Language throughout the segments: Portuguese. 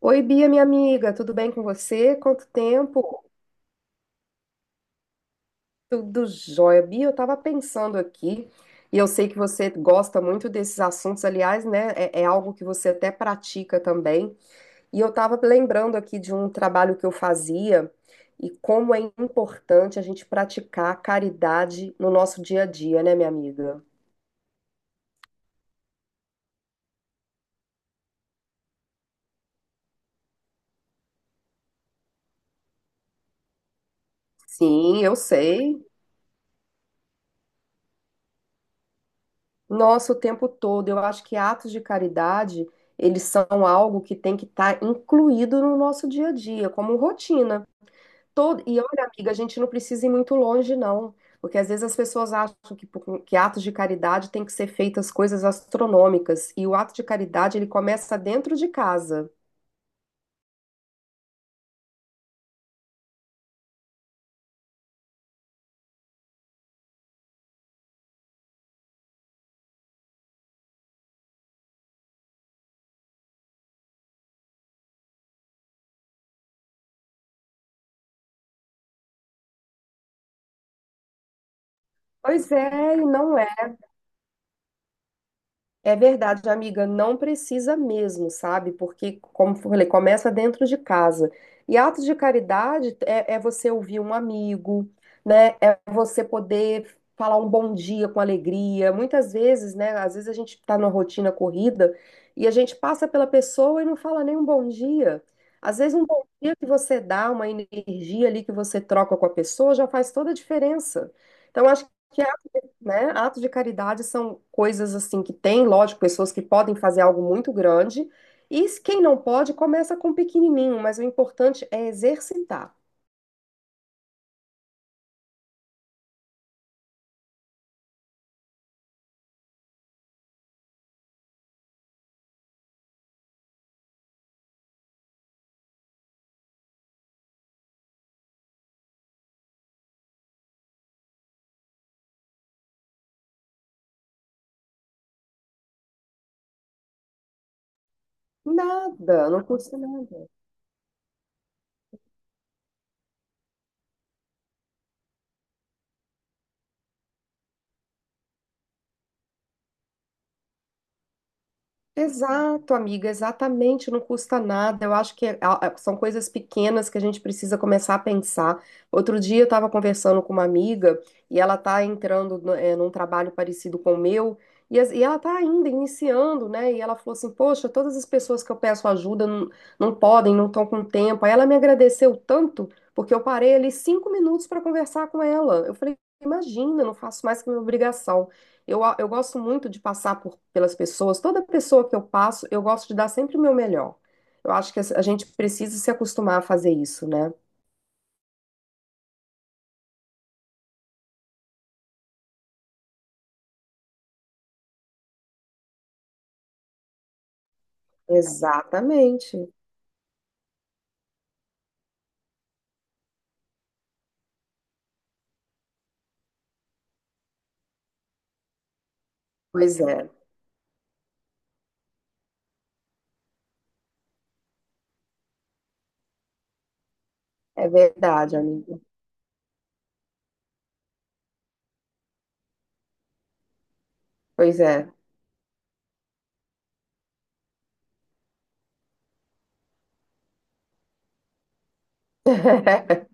Oi, Bia, minha amiga, tudo bem com você? Quanto tempo? Tudo jóia. Bia, eu estava pensando aqui, e eu sei que você gosta muito desses assuntos, aliás, né? É algo que você até pratica também. E eu estava lembrando aqui de um trabalho que eu fazia e como é importante a gente praticar caridade no nosso dia a dia, né, minha amiga? Sim, eu sei. Nossa, o tempo todo. Eu acho que atos de caridade, eles são algo que tem que estar incluído no nosso dia a dia, como rotina. E olha, amiga, a gente não precisa ir muito longe, não. Porque às vezes as pessoas acham que, que atos de caridade tem que ser feitas coisas astronômicas. E o ato de caridade, ele começa dentro de casa. Pois é, e não é. É verdade, amiga, não precisa mesmo, sabe? Porque, como eu falei, começa dentro de casa. E atos de caridade é você ouvir um amigo, né? É você poder falar um bom dia com alegria. Muitas vezes, né? Às vezes a gente tá numa rotina corrida e a gente passa pela pessoa e não fala nem um bom dia. Às vezes, um bom dia que você dá, uma energia ali que você troca com a pessoa já faz toda a diferença. Então, acho que, né? Atos de caridade são coisas assim que tem, lógico, pessoas que podem fazer algo muito grande, e quem não pode, começa com um pequenininho, mas o importante é exercitar. Nada, não custa nada. Exato, amiga, exatamente, não custa nada. Eu acho que é, são coisas pequenas que a gente precisa começar a pensar. Outro dia eu estava conversando com uma amiga e ela está entrando num trabalho parecido com o meu, e ela está ainda iniciando, né? E ela falou assim: Poxa, todas as pessoas que eu peço ajuda não, não podem, não estão com tempo. Aí ela me agradeceu tanto porque eu parei ali 5 minutos para conversar com ela. Eu falei: Imagina, não faço mais que minha obrigação. Eu gosto muito de passar por, pelas pessoas. Toda pessoa que eu passo, eu gosto de dar sempre o meu melhor. Eu acho que a gente precisa se acostumar a fazer isso, né? Exatamente. Pois é. É verdade, amiga. Pois é.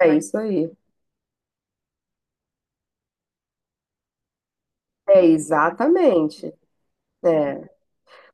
É isso aí. É, exatamente. É.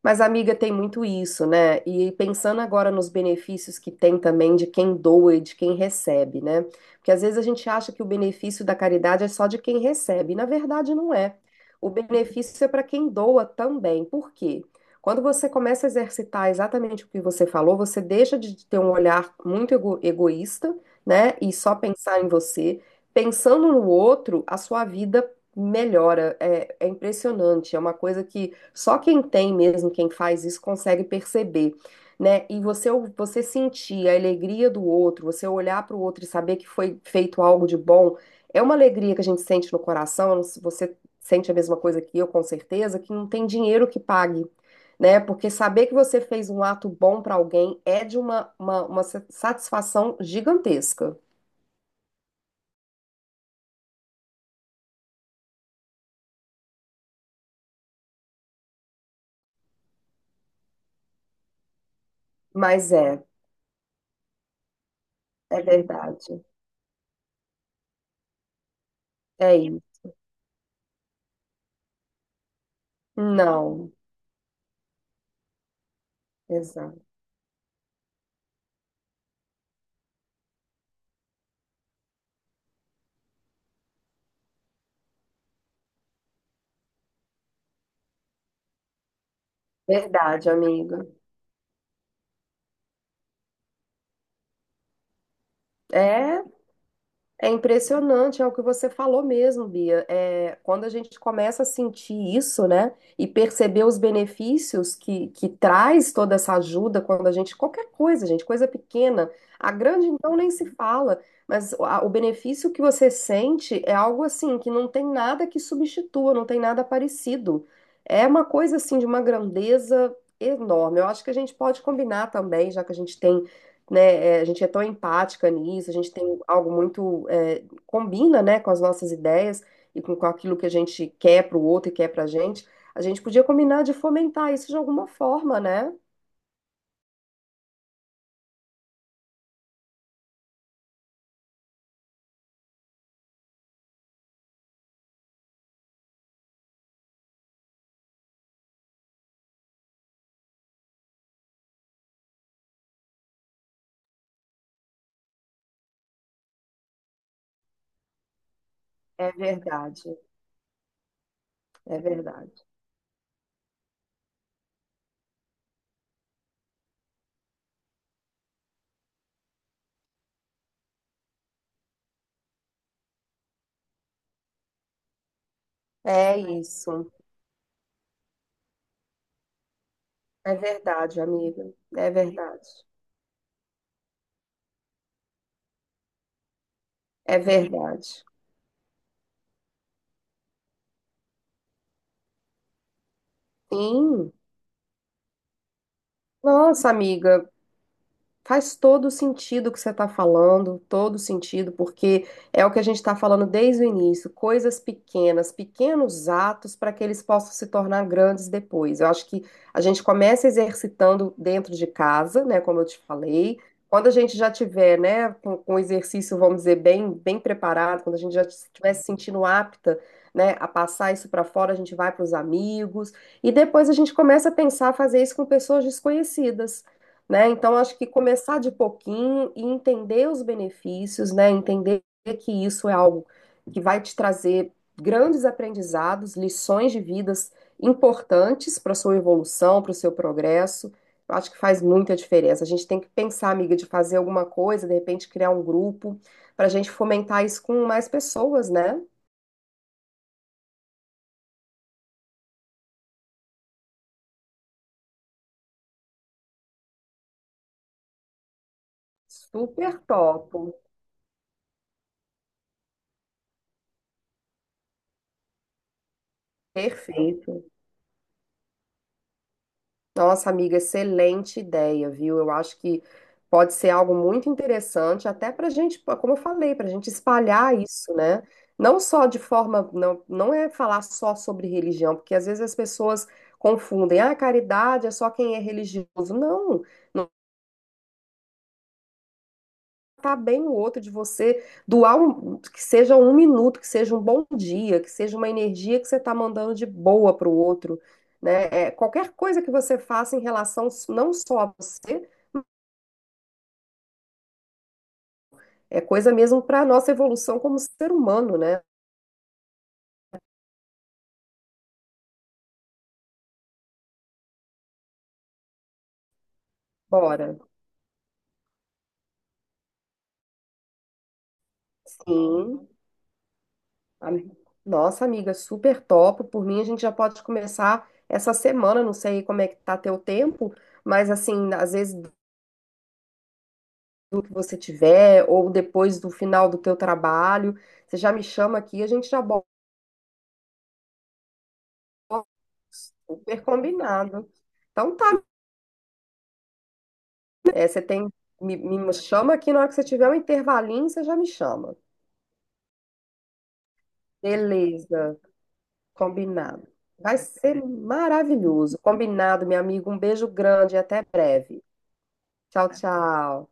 Mas, amiga, tem muito isso, né? E pensando agora nos benefícios que tem também de quem doa e de quem recebe, né? Porque às vezes a gente acha que o benefício da caridade é só de quem recebe, e na verdade não é. O benefício é para quem doa também. Por quê? Quando você começa a exercitar exatamente o que você falou, você deixa de ter um olhar muito egoísta, né? E só pensar em você. Pensando no outro, a sua vida melhora, é, é impressionante, é uma coisa que só quem tem mesmo, quem faz isso, consegue perceber, né? E você, você sentir a alegria do outro, você olhar para o outro e saber que foi feito algo de bom, é uma alegria que a gente sente no coração, eu não sei se você sente a mesma coisa que eu, com certeza, que não tem dinheiro que pague. Né? Porque saber que você fez um ato bom para alguém é de uma satisfação gigantesca. Mas é, é verdade. É isso. Não. Exato. Verdade, amiga. É, é impressionante, é o que você falou mesmo, Bia. É, quando a gente começa a sentir isso, né, e perceber os benefícios que traz toda essa ajuda, quando a gente, qualquer coisa, gente, coisa pequena, a grande então nem se fala, mas o benefício que você sente é algo assim, que não tem nada que substitua, não tem nada parecido. É uma coisa assim de uma grandeza enorme. Eu acho que a gente pode combinar também, já que a gente tem, né? É, a gente é tão empática nisso, a gente tem algo muito, é, combina, né, com as nossas ideias e com aquilo que a gente quer para o outro e quer para a gente. A gente podia combinar de fomentar isso de alguma forma, né? É verdade, é verdade. É isso. É verdade, amiga. É verdade. É verdade. Sim. Nossa, amiga, faz todo sentido o que você está falando, todo sentido, porque é o que a gente está falando desde o início, coisas pequenas, pequenos atos para que eles possam se tornar grandes depois. Eu acho que a gente começa exercitando dentro de casa, né, como eu te falei. Quando a gente já tiver, né, com o exercício, vamos dizer, bem, bem preparado, quando a gente já estiver se sentindo apta, né, a passar isso para fora, a gente vai para os amigos e depois a gente começa a pensar fazer isso com pessoas desconhecidas, né? Então, acho que começar de pouquinho e entender os benefícios, né? Entender que isso é algo que vai te trazer grandes aprendizados, lições de vidas importantes para a sua evolução, para o seu progresso. Eu acho que faz muita diferença. A gente tem que pensar, amiga, de fazer alguma coisa, de repente criar um grupo, para a gente fomentar isso com mais pessoas, né? Super top. Perfeito. Nossa, amiga, excelente ideia, viu? Eu acho que pode ser algo muito interessante, até para a gente, como eu falei, para a gente espalhar isso, né? Não só de forma, não, não é falar só sobre religião, porque às vezes as pessoas confundem, ah, caridade é só quem é religioso. Não, não, tá bem o outro de você doar um, que seja um minuto, que seja um bom dia, que seja uma energia que você está mandando de boa para o outro, né? É, qualquer coisa que você faça em relação não só a você, é coisa mesmo para a nossa evolução como ser humano, né? Bora. Sim. Am- Nossa, amiga, super top. Por mim, a gente já pode começar essa semana. Não sei como é que tá teu tempo, mas assim, às vezes do que você tiver, ou depois do final do teu trabalho, você já me chama aqui, a gente já bota super combinado. Então tá, né? É, você tem, me chama aqui na hora que você tiver um intervalinho, você já me chama. Beleza. Combinado. Vai ser maravilhoso. Combinado, meu amigo. Um beijo grande e até breve. Tchau, tchau.